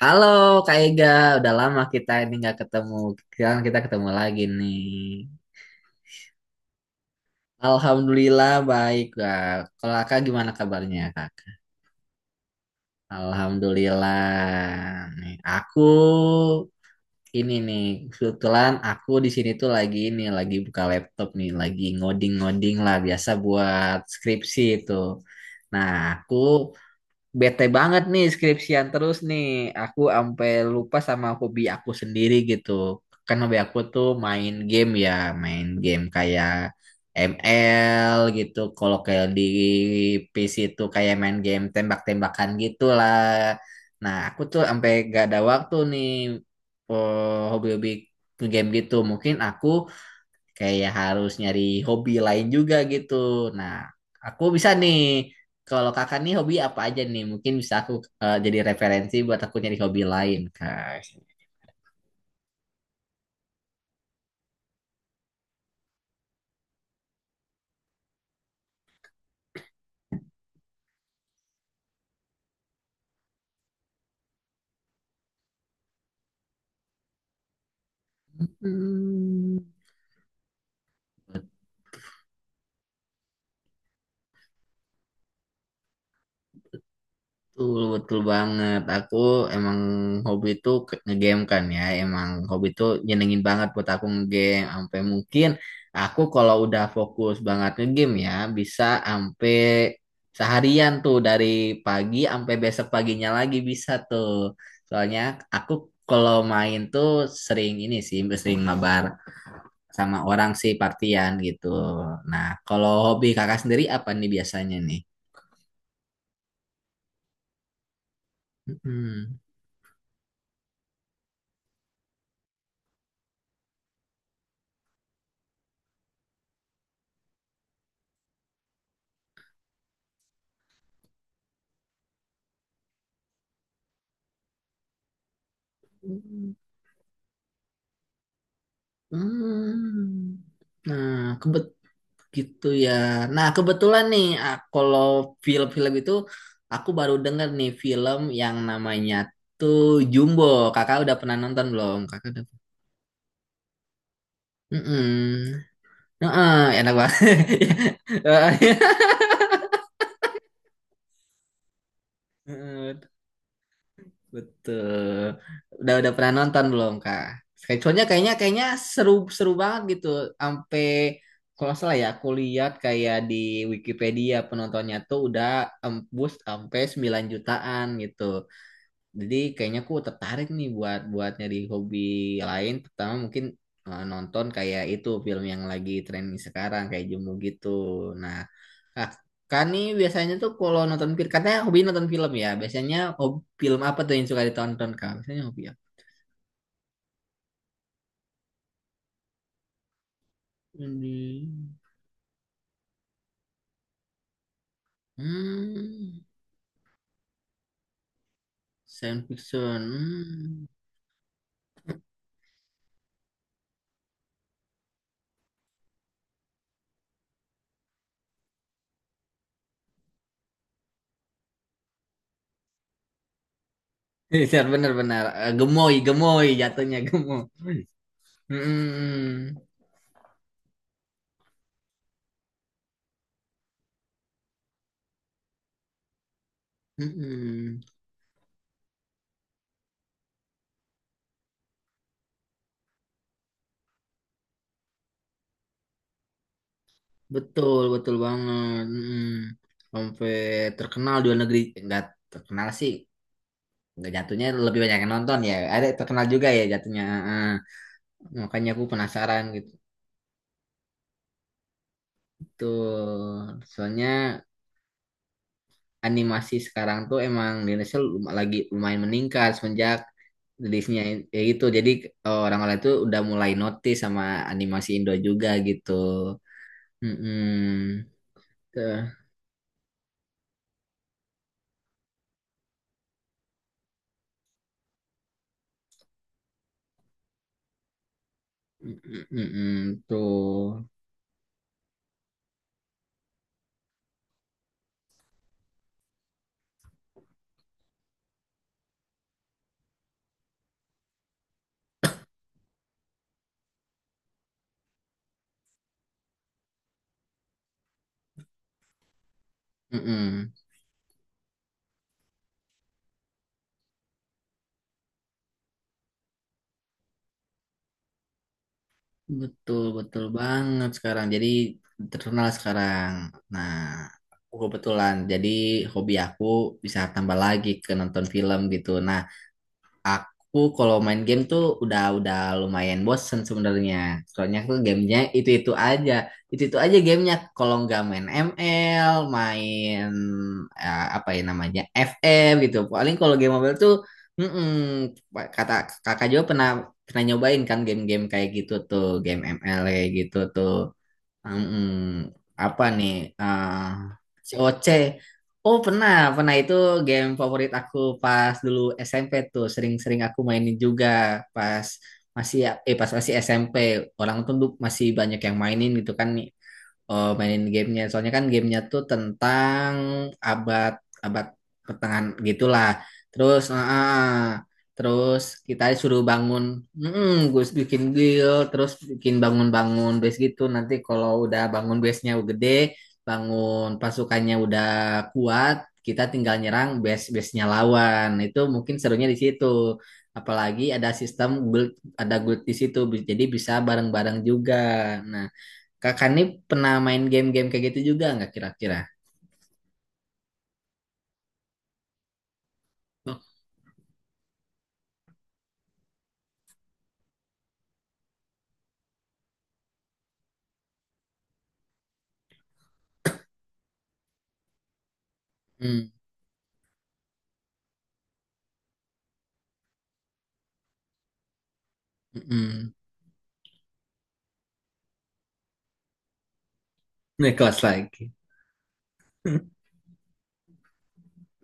Halo Kak Ega, udah lama kita ini nggak ketemu. Sekarang kita ketemu lagi nih. Alhamdulillah baik Kak. Kalau Kakak gimana kabarnya Kak? Alhamdulillah. Nih, aku ini nih kebetulan aku di sini tuh lagi lagi buka laptop nih, lagi ngoding-ngoding lah biasa buat skripsi itu. Nah, aku bete banget nih skripsian terus nih. Aku sampai lupa sama hobi aku sendiri gitu. Kan hobi aku tuh main game ya, main game kayak ML gitu. Kalau kayak di PC tuh kayak main game tembak-tembakan gitulah. Nah, aku tuh sampai gak ada waktu nih hobi-hobi game gitu. Mungkin aku kayak harus nyari hobi lain juga gitu. Nah, aku bisa nih, kalau kakak nih hobi apa aja nih? Mungkin bisa aku jadi referensi buat aku nyari hobi lain, Kak. Hmm. Betul, betul banget. Aku emang hobi tuh ngegame kan ya. Emang hobi tuh nyenengin banget buat aku ngegame. Sampai mungkin aku kalau udah fokus banget ngegame ya, bisa sampai seharian tuh dari pagi sampai besok paginya lagi bisa tuh. Soalnya aku kalau main tuh sering ini sih, sering mabar sama orang sih partian gitu. Nah, kalau hobi kakak sendiri apa nih biasanya nih? Mm-mm. Hmm. Nah, gitu ya. Nah, kebetulan nih, kalau film-film itu aku baru denger nih film yang namanya tuh Jumbo. Kakak udah pernah nonton belum? Kakak udah. Mm-mm. Heeh, enak banget. Heeh. Betul. Udah pernah nonton belum, Kak? Soalnya kayaknya kayaknya seru seru banget gitu. Sampai kalau nggak salah ya, aku lihat kayak di Wikipedia penontonnya tuh udah embus sampai 9 jutaan gitu. Jadi kayaknya aku tertarik nih buat buat nyari hobi lain, pertama mungkin nonton kayak itu film yang lagi trending sekarang kayak Jumbo gitu. Nah, Nah, kan nih biasanya tuh kalau nonton film, katanya hobi nonton film ya. Biasanya hobi, film apa tuh yang suka ditonton kak? Biasanya hobi apa? Hmm, hmm, science fiction. Hmm. Iya, bener-bener. Gemoy, gemoy jatuhnya gemoy. Hmm, hmm, betul, betul banget. Hmm. Sampai terkenal di luar negeri, nggak terkenal sih. Nggak jatuhnya lebih banyak yang nonton ya. Ada terkenal juga ya jatuhnya. Heeh. Makanya aku penasaran gitu. Betul. Soalnya animasi sekarang tuh emang di Indonesia lagi lumayan meningkat semenjak rilisnya ya gitu. Jadi orang-orang itu udah mulai notice sama animasi Indo juga gitu. Mm-mm. Tuh. Mm-mm, mm-mm, Tuh. Mm-mm. Betul, betul banget sekarang. Jadi terkenal sekarang. Nah, aku kebetulan. Jadi hobi aku bisa tambah lagi ke nonton film gitu. Nah, aku kalau main game tuh udah lumayan bosen sebenarnya. Soalnya tuh gamenya itu-itu aja. Itu-itu aja gamenya. Kalau nggak main ML, main apa ya namanya FM gitu. Paling kalau game mobile tuh mm-mm, kata kakak juga pernah pernah nyobain kan game-game kayak gitu tuh, game ML kayak gitu tuh. Hmm, apa nih? Ah, C. O C. Oh pernah, pernah itu game favorit aku pas dulu SMP tuh. Sering-sering aku mainin juga pas masih pas masih SMP. Orang tuh masih banyak yang mainin gitu kan. Oh, mainin gamenya. Soalnya kan gamenya tuh tentang abad abad pertengahan gitulah. Terus, ah, ah. ah. terus kita suruh bangun, gue bikin guild, terus bikin bangun-bangun base gitu. Nanti kalau udah bangun base-nya gede, bangun pasukannya udah kuat, kita tinggal nyerang base-base-nya lawan. Itu mungkin serunya di situ. Apalagi ada sistem guild, ada guild di situ, jadi bisa bareng-bareng juga. Nah. Kakak nih pernah main game-game kayak gitu juga nggak kira-kira? Oh, hmm, hmm. Nih kelas lagi.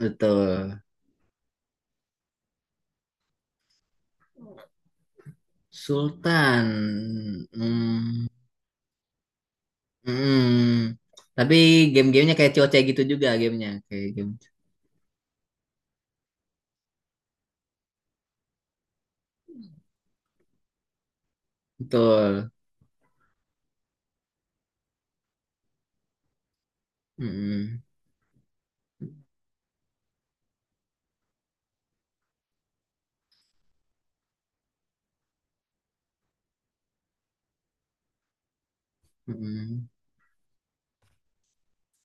Betul. Sultan. Hmm, hmm. Tapi game-gamenya kayak COC gitu juga gamenya. Kayak game. Betul. Hmm, hmm.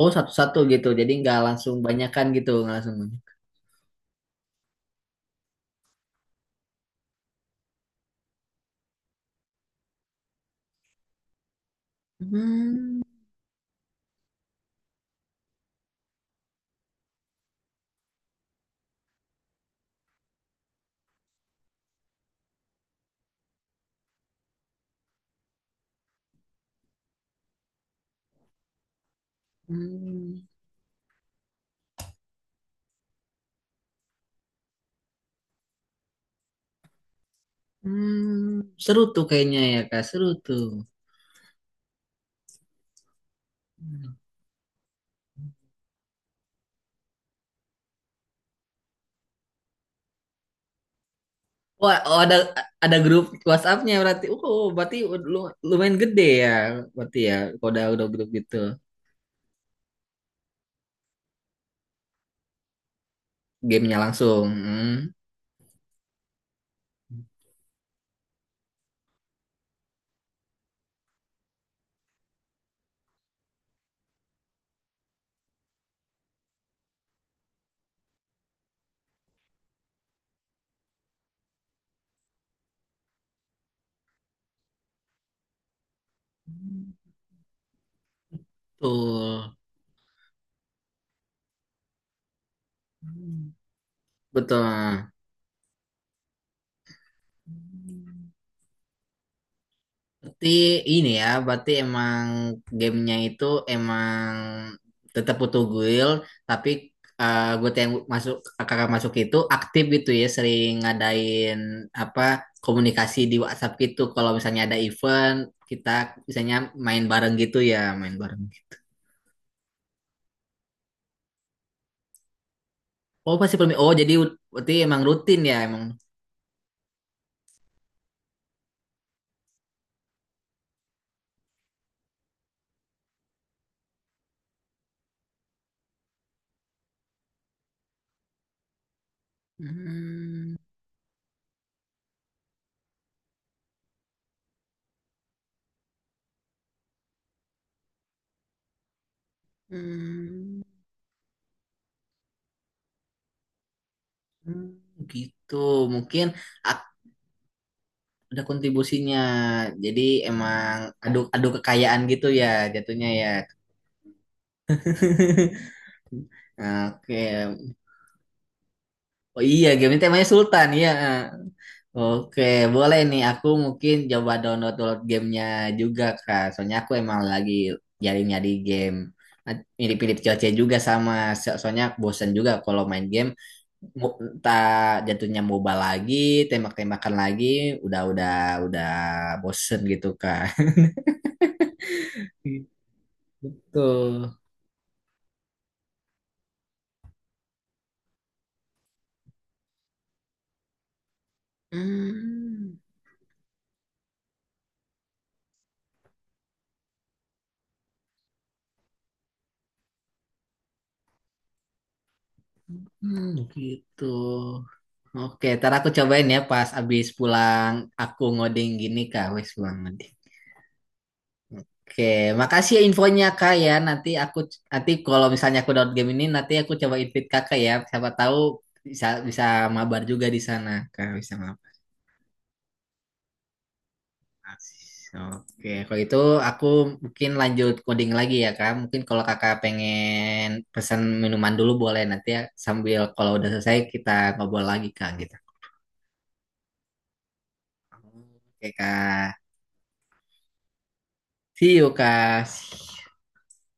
Oh, satu-satu gitu. Jadi nggak langsung banyakan gitu. Nggak langsung banyak. Hmm, hmm, hmm. Seru tuh kayaknya ya, Kak. Seru tuh. Hmm. Wah, oh ada grup WhatsApp-nya berarti. Oh, oh, berarti lu, lumayan gede ya. Berarti ya, kalau udah grup gitu, gamenya langsung. Hmm, betul. Betul. Berarti ini ya, berarti emang gamenya itu emang tetap butuh guild, tapi eh gue yang masuk kakak masuk itu aktif gitu ya, sering ngadain apa komunikasi di WhatsApp gitu. Kalau misalnya ada event, kita misalnya main bareng gitu ya, main bareng. Oh pasti permi. Oh jadi berarti emang rutin ya emang. Hmm, hmm, hmm, gitu. Mungkin ak- ada kontribusinya. Jadi emang adu adu kekayaan gitu ya jatuhnya ya. Oke. Oh iya, game ini temanya Sultan ya. Oke, boleh nih aku mungkin coba download download gamenya juga Kak. Soalnya aku emang lagi nyari-nyari game. Nah, mirip-mirip Coce juga sama. Soalnya bosen juga kalau main game mo- tak jatuhnya MOBA lagi, tembak-tembakan lagi, udah udah udah bosen gitu Kak. Betul. Hmm, hmm, gitu. Oke, ntar aku cobain ya pas abis pulang aku ngoding gini kak, wes pulang ngoding. Oke, makasih ya infonya kak ya. Nanti kalau misalnya aku download game ini, nanti aku coba invite kakak ya. Siapa tahu bisa bisa mabar juga di sana kak, bisa mabar. Oke, kalau itu aku mungkin lanjut coding lagi ya kak. Mungkin kalau kakak pengen pesan minuman dulu boleh nanti ya, sambil kalau udah selesai kita ngobrol lagi kak gitu. Oke, Kak. See you, Kak.